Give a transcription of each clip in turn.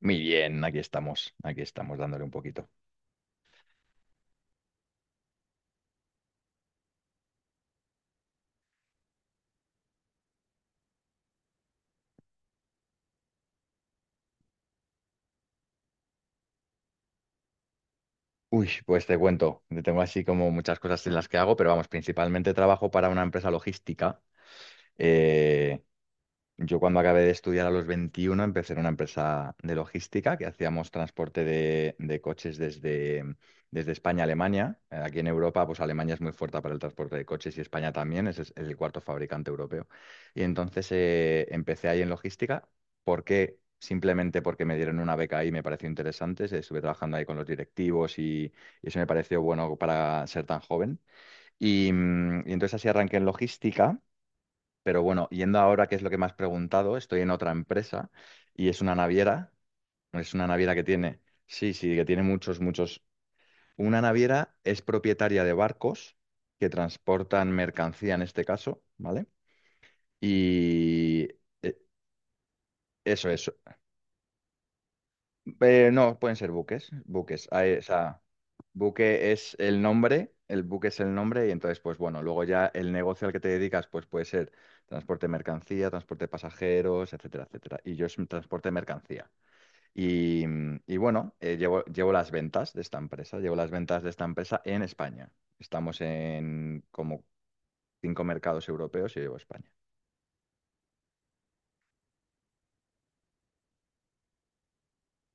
Muy bien, aquí estamos dándole un poquito. Uy, pues te cuento, yo tengo así como muchas cosas en las que hago, pero vamos, principalmente trabajo para una empresa logística. eh, Yo cuando acabé de estudiar a los 21 empecé en una empresa de logística que hacíamos transporte de coches desde, desde España a Alemania. Aquí en Europa, pues Alemania es muy fuerte para el transporte de coches y España también, ese es el cuarto fabricante europeo. Y entonces empecé ahí en logística. ¿Por qué? Simplemente porque me dieron una beca ahí, me pareció interesante. Estuve trabajando ahí con los directivos y eso me pareció bueno para ser tan joven. Y, y entonces así arranqué en logística. Pero bueno, yendo ahora, que es lo que me has preguntado, estoy en otra empresa y es una naviera. Es una naviera que tiene, sí, sí, que tiene muchos, muchos. Una naviera es propietaria de barcos que transportan mercancía en este caso, ¿vale? Y eh, eso es. No, pueden ser buques, buques. Ahí, o sea, buque es el nombre, el buque es el nombre y entonces, pues bueno, luego ya el negocio al que te dedicas, pues puede ser transporte de mercancía, transporte de pasajeros, etcétera, etcétera. Y yo es un transporte de mercancía. Y, y bueno, llevo, llevo las ventas de esta empresa, llevo las ventas de esta empresa en España. Estamos en como cinco mercados europeos y yo llevo España.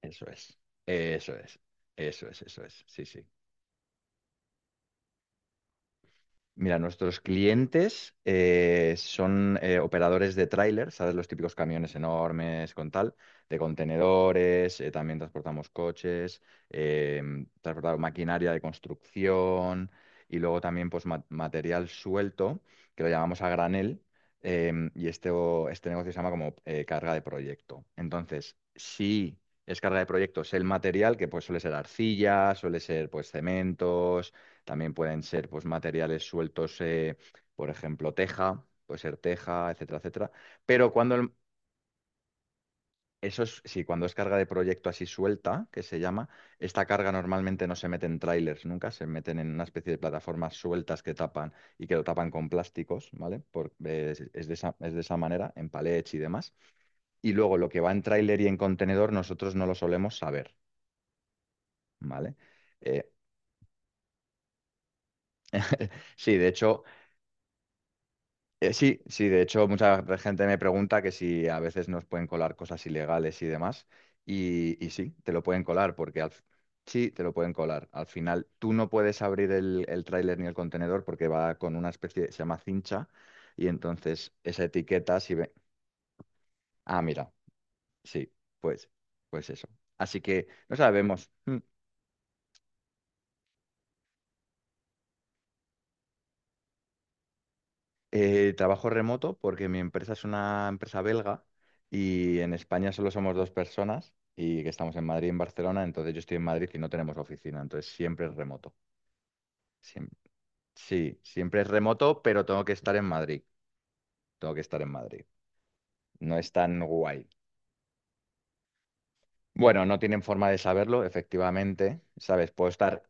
Eso es, eso es, eso es, eso es. Sí, sí. Mira, nuestros clientes son operadores de tráiler, ¿sabes? Los típicos camiones enormes con tal, de contenedores, también transportamos coches, eh, transportamos maquinaria de construcción y luego también pues, material suelto, que lo llamamos a granel, y este, este negocio se llama como carga de proyecto. Entonces, si es carga de proyecto, es el material que pues, suele ser arcilla, suele ser pues, cementos también pueden ser pues, materiales sueltos, por ejemplo, teja, puede ser teja, etcétera, etcétera. Pero cuando eso es, sí, cuando es carga de proyecto así suelta, que se llama, esta carga normalmente no se mete en trailers nunca, se meten en una especie de plataformas sueltas que tapan y que lo tapan con plásticos, ¿vale? Es de esa manera, en palets y demás. Y luego lo que va en tráiler y en contenedor, nosotros no lo solemos saber, ¿vale? Eh, sí, de hecho. Sí, sí, de hecho mucha gente me pregunta que si a veces nos pueden colar cosas ilegales y demás, y sí, te lo pueden colar, porque sí, te lo pueden colar. Al final tú no puedes abrir el tráiler ni el contenedor porque va con una especie, se llama cincha, y entonces esa etiqueta si ve, ah, mira, sí, pues, pues eso. Así que no sabemos. Trabajo remoto porque mi empresa es una empresa belga y en España solo somos dos personas y que estamos en Madrid y en Barcelona, entonces yo estoy en Madrid y no tenemos oficina, entonces siempre es remoto. Siem- sí, siempre es remoto, pero tengo que estar en Madrid, tengo que estar en Madrid. No es tan guay. Bueno, no tienen forma de saberlo, efectivamente, ¿sabes? Puedo estar.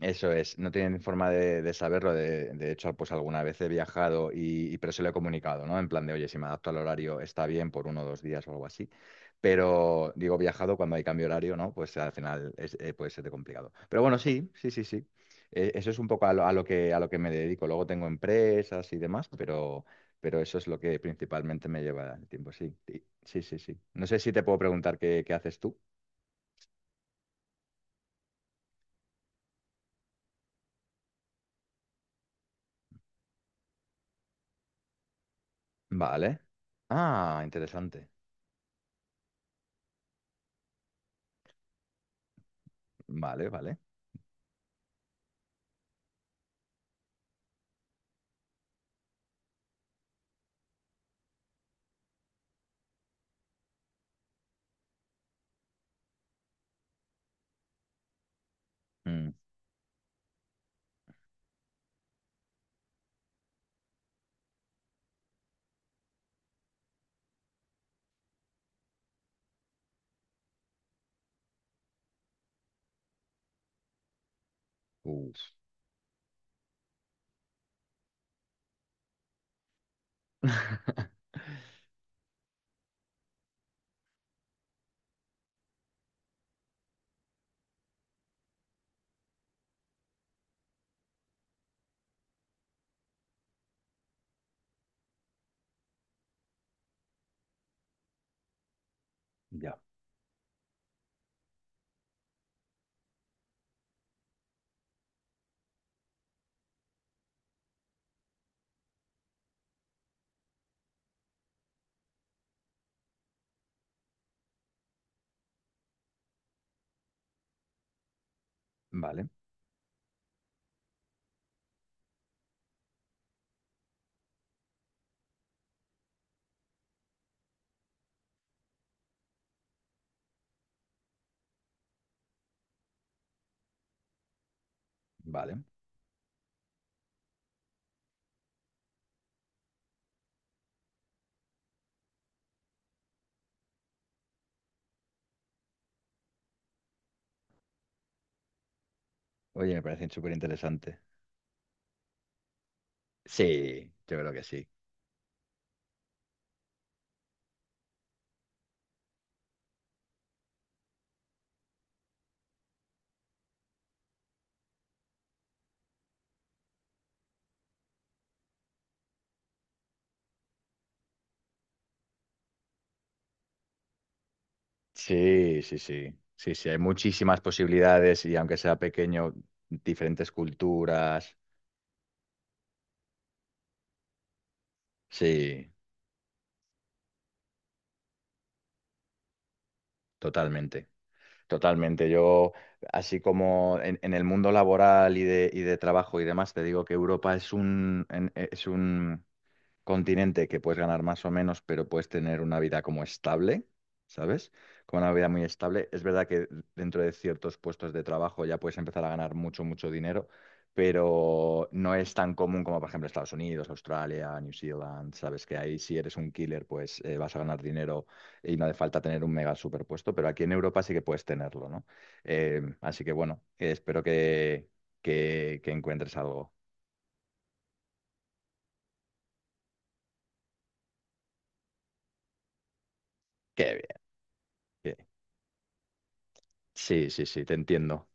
Eso es, no tienen forma de saberlo. De hecho, pues alguna vez he viajado y, pero se lo he comunicado, ¿no? En plan de, oye, si me adapto al horario está bien por uno o dos días o algo así. Pero digo, viajado cuando hay cambio de horario, ¿no? Pues al final es, puede ser de complicado. Pero bueno, sí, sí, sí, sí. Eso es un poco a lo que me dedico. Luego tengo empresas y demás, pero eso es lo que principalmente me lleva el tiempo, sí. Sí, sí, sí, sí. No sé si te puedo preguntar qué, qué haces tú. Vale. Ah, interesante. Vale, vale. Mm. Uf, ya, vale, vale. Oye, me parecen súper interesantes. Sí, yo creo que sí. Sí, sí, sí. Sí, sí, hay muchísimas posibilidades y aunque sea pequeño, diferentes culturas. Sí, totalmente. Totalmente. Yo, así como en el mundo laboral y de trabajo y demás, te digo que Europa es un continente que puedes ganar más o menos, pero puedes tener una vida como estable, ¿sabes? Como una vida muy estable. Es verdad que dentro de ciertos puestos de trabajo ya puedes empezar a ganar mucho, mucho dinero, pero no es tan común como, por ejemplo, Estados Unidos, Australia, New Zealand, ¿sabes? Que ahí si eres un killer, pues vas a ganar dinero y no hace falta tener un mega superpuesto, pero aquí en Europa sí que puedes tenerlo, ¿no? Así que bueno, espero que encuentres algo. Qué bien, qué bien. Sí, sí, sí, te entiendo.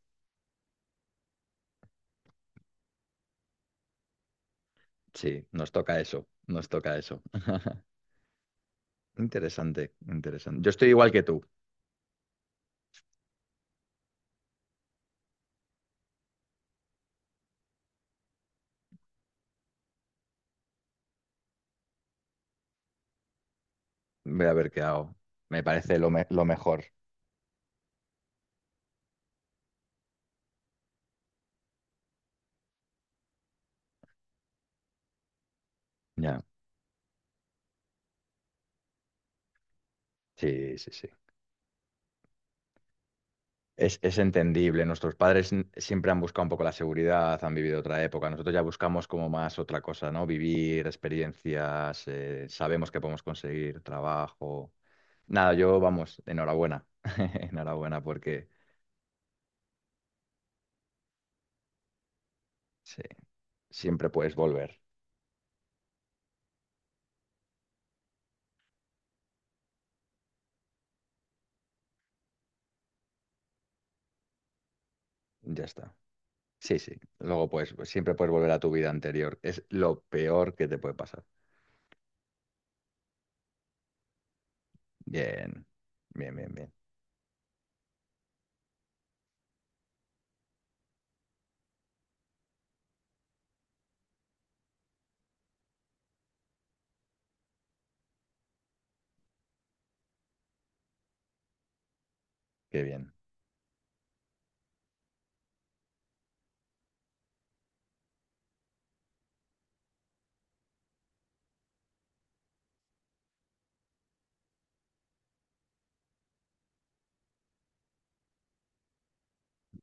Sí, nos toca eso, nos toca eso. Interesante, interesante. Yo estoy igual que tú. Voy a ver qué hago. Me parece lo, lo mejor. Ya, sí, sí, sí. Es entendible. Nuestros padres siempre han buscado un poco la seguridad, han vivido otra época. Nosotros ya buscamos como más otra cosa, ¿no? Vivir experiencias, sabemos que podemos conseguir trabajo. Nada, yo, vamos, enhorabuena. Enhorabuena porque sí, siempre puedes volver. Ya está. Sí, sí. Luego, pues, pues, siempre puedes volver a tu vida anterior. Es lo peor que te puede pasar. Bien, bien, bien, bien. Qué bien.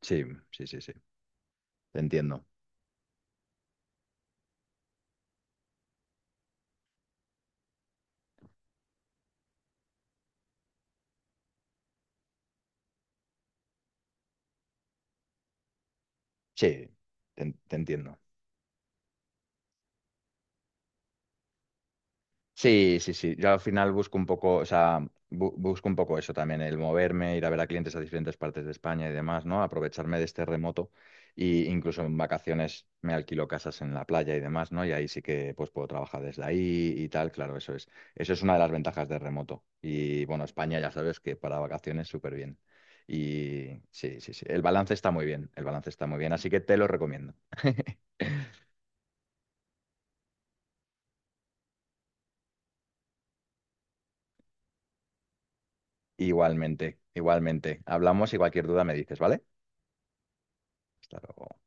Sí, sí, sí, sí. Te entiendo. Sí, te entiendo. Sí, sí, sí. Yo al final busco un poco, o sea, busco un poco eso también, el moverme, ir a ver a clientes a diferentes partes de España y demás, ¿no? Aprovecharme de este remoto y incluso en vacaciones me alquilo casas en la playa y demás, ¿no? Y ahí sí que pues puedo trabajar desde ahí y tal, claro, eso es. Eso es una de las ventajas de remoto. Y bueno, España ya sabes que para vacaciones súper bien. Y sí, sí, sí. El balance está muy bien, el balance está muy bien, así que te lo recomiendo. Igualmente, igualmente. Hablamos y cualquier duda me dices, ¿vale? Hasta luego.